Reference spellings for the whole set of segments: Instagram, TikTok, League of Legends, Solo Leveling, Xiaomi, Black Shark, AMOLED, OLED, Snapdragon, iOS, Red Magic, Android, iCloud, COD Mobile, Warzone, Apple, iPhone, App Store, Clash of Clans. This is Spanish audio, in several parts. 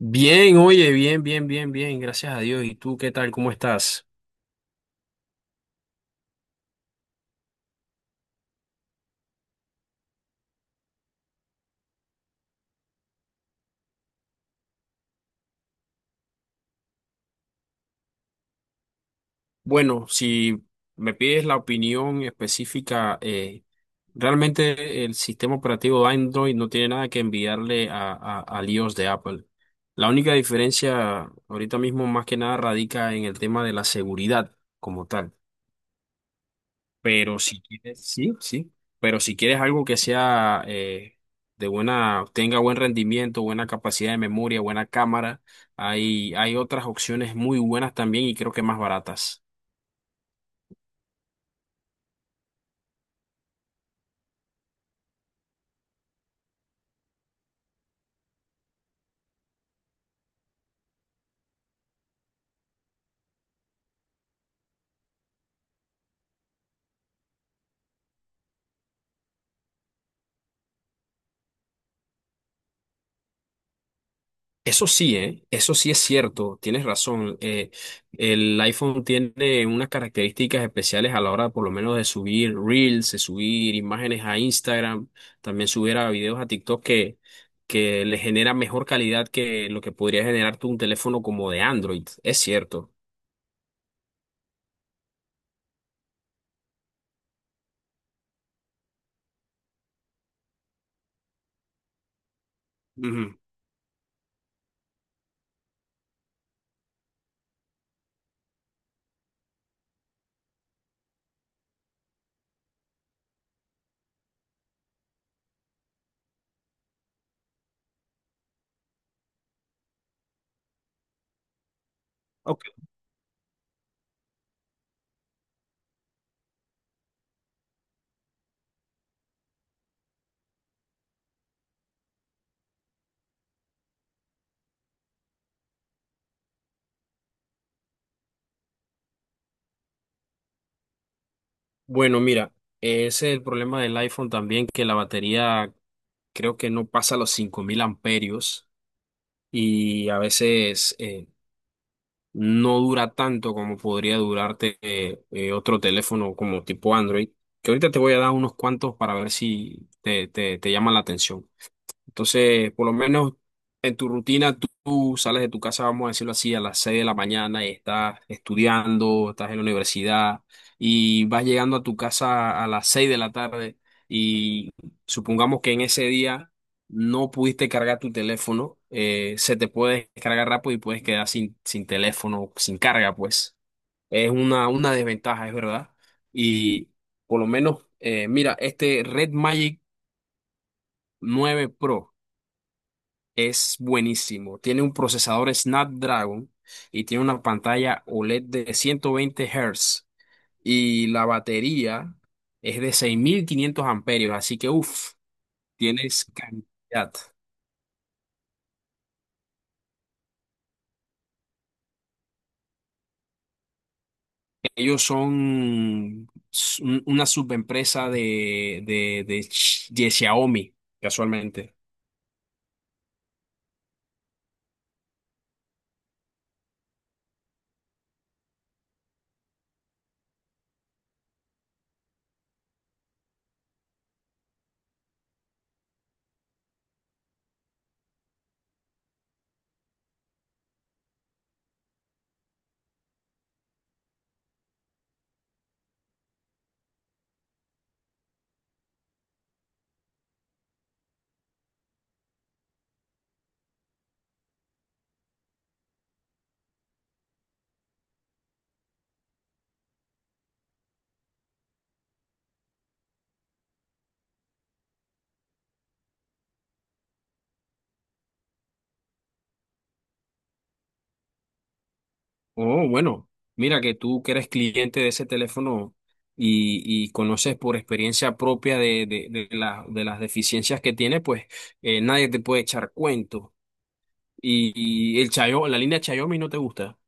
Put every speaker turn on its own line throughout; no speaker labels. Bien, oye, bien, bien, bien, bien, gracias a Dios. ¿Y tú qué tal? ¿Cómo estás? Bueno, si me pides la opinión específica, realmente el sistema operativo de Android no tiene nada que enviarle al iOS de Apple. La única diferencia ahorita mismo más que nada radica en el tema de la seguridad como tal. Pero si quieres, sí, sí. Pero si quieres algo que sea de buena, tenga buen rendimiento, buena capacidad de memoria, buena cámara, hay otras opciones muy buenas también y creo que más baratas. Eso sí, ¿eh? Eso sí es cierto, tienes razón. El iPhone tiene unas características especiales a la hora, por lo menos, de subir Reels, de subir imágenes a Instagram, también subir a videos a TikTok que le genera mejor calidad que lo que podría generar tú un teléfono como de Android. Es cierto. Ujú. Ok. Bueno, mira, ese es el problema del iPhone también, que la batería creo que no pasa los 5000 amperios y a veces no dura tanto como podría durarte otro teléfono como tipo Android, que ahorita te voy a dar unos cuantos para ver si te llama la atención. Entonces, por lo menos en tu rutina, tú sales de tu casa, vamos a decirlo así, a las 6 de la mañana y estás estudiando, estás en la universidad y vas llegando a tu casa a las 6 de la tarde y supongamos que en ese día no pudiste cargar tu teléfono, se te puede descargar rápido y puedes quedar sin teléfono, sin carga, pues. Es una desventaja, es verdad. Y por lo menos, mira, este Red Magic 9 Pro es buenísimo. Tiene un procesador Snapdragon y tiene una pantalla OLED de 120 Hz y la batería es de 6500 amperios, así que uff, tienes cantidad. Ellos son una subempresa de Xiaomi, casualmente. Oh, bueno, mira que tú que eres cliente de ese teléfono y conoces por experiencia propia de las deficiencias que tiene, pues nadie te puede echar cuento. Y, y el Chayo, la línea Xiaomi no te gusta.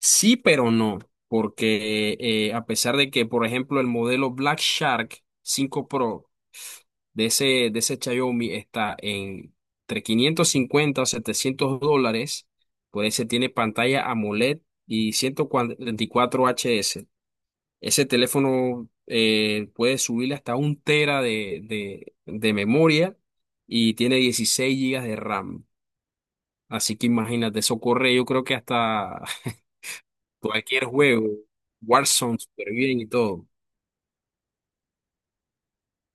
Sí, pero no, porque a pesar de que, por ejemplo, el modelo Black Shark 5 Pro de ese, de ese Xiaomi está en entre 550 a $700, por ese tiene pantalla AMOLED y 144 HS. Ese teléfono puede subirle hasta un tera de memoria y tiene 16 gigas de RAM. Así que imagínate, eso corre, yo creo que hasta Cualquier juego, Warzone súper bien y todo.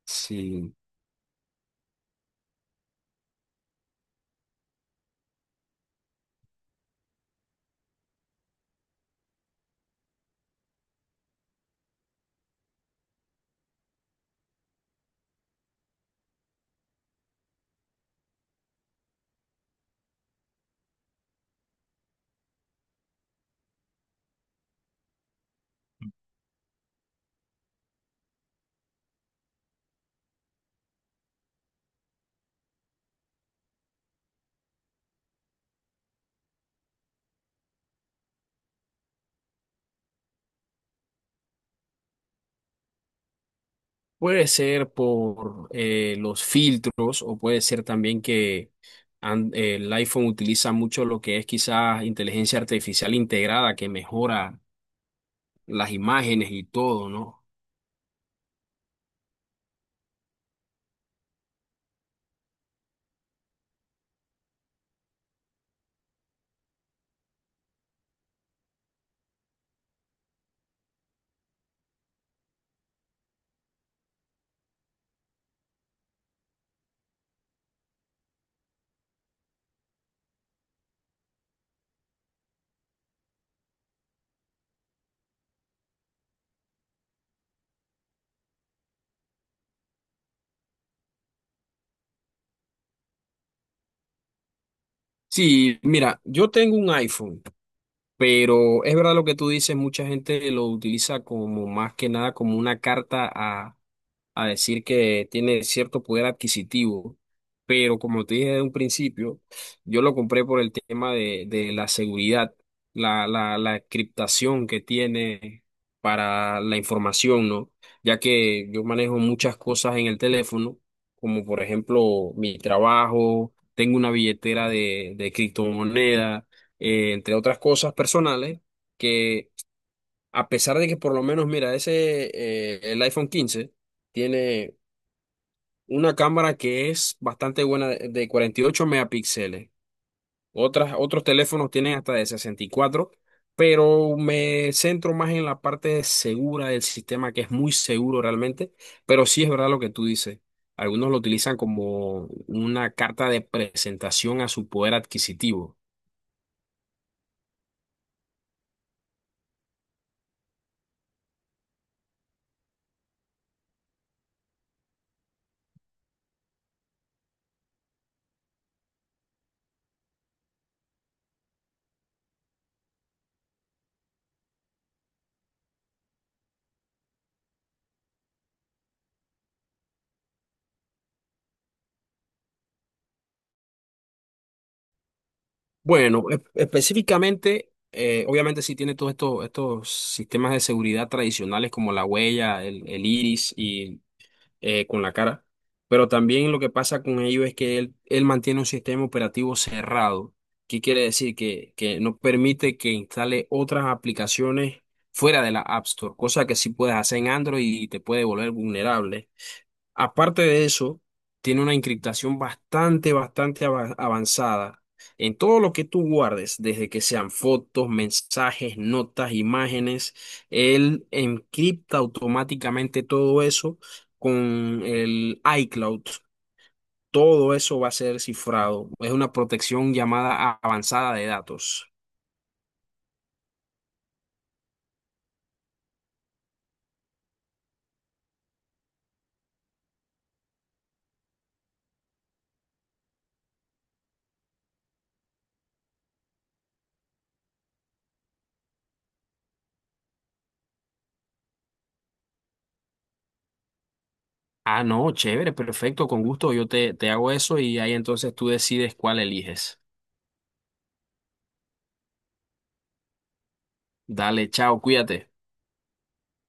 Sí, puede ser por los filtros o puede ser también que el iPhone utiliza mucho lo que es quizás inteligencia artificial integrada que mejora las imágenes y todo, ¿no? Sí, mira, yo tengo un iPhone, pero es verdad lo que tú dices, mucha gente lo utiliza como más que nada como una carta a decir que tiene cierto poder adquisitivo, pero como te dije de un principio, yo lo compré por el tema de la seguridad, la encriptación que tiene para la información, ¿no? Ya que yo manejo muchas cosas en el teléfono, como por ejemplo mi trabajo, tengo una billetera de criptomoneda, entre otras cosas personales, que a pesar de que por lo menos, mira, ese, el iPhone 15 tiene una cámara que es bastante buena de 48 megapíxeles. Otros teléfonos tienen hasta de 64, pero me centro más en la parte segura del sistema, que es muy seguro realmente. Pero sí es verdad lo que tú dices. Algunos lo utilizan como una carta de presentación a su poder adquisitivo. Bueno, específicamente, obviamente sí tiene todos estos sistemas de seguridad tradicionales como la huella, el iris con la cara. Pero también lo que pasa con ello es que él mantiene un sistema operativo cerrado. ¿Qué quiere decir? Que no permite que instale otras aplicaciones fuera de la App Store, cosa que sí puedes hacer en Android y te puede volver vulnerable. Aparte de eso, tiene una encriptación bastante, bastante avanzada. En todo lo que tú guardes, desde que sean fotos, mensajes, notas, imágenes, él encripta automáticamente todo eso con el iCloud. Todo eso va a ser cifrado. Es una protección llamada avanzada de datos. Ah, no, chévere, perfecto, con gusto. Yo te hago eso y ahí entonces tú decides cuál eliges. Dale, chao, cuídate.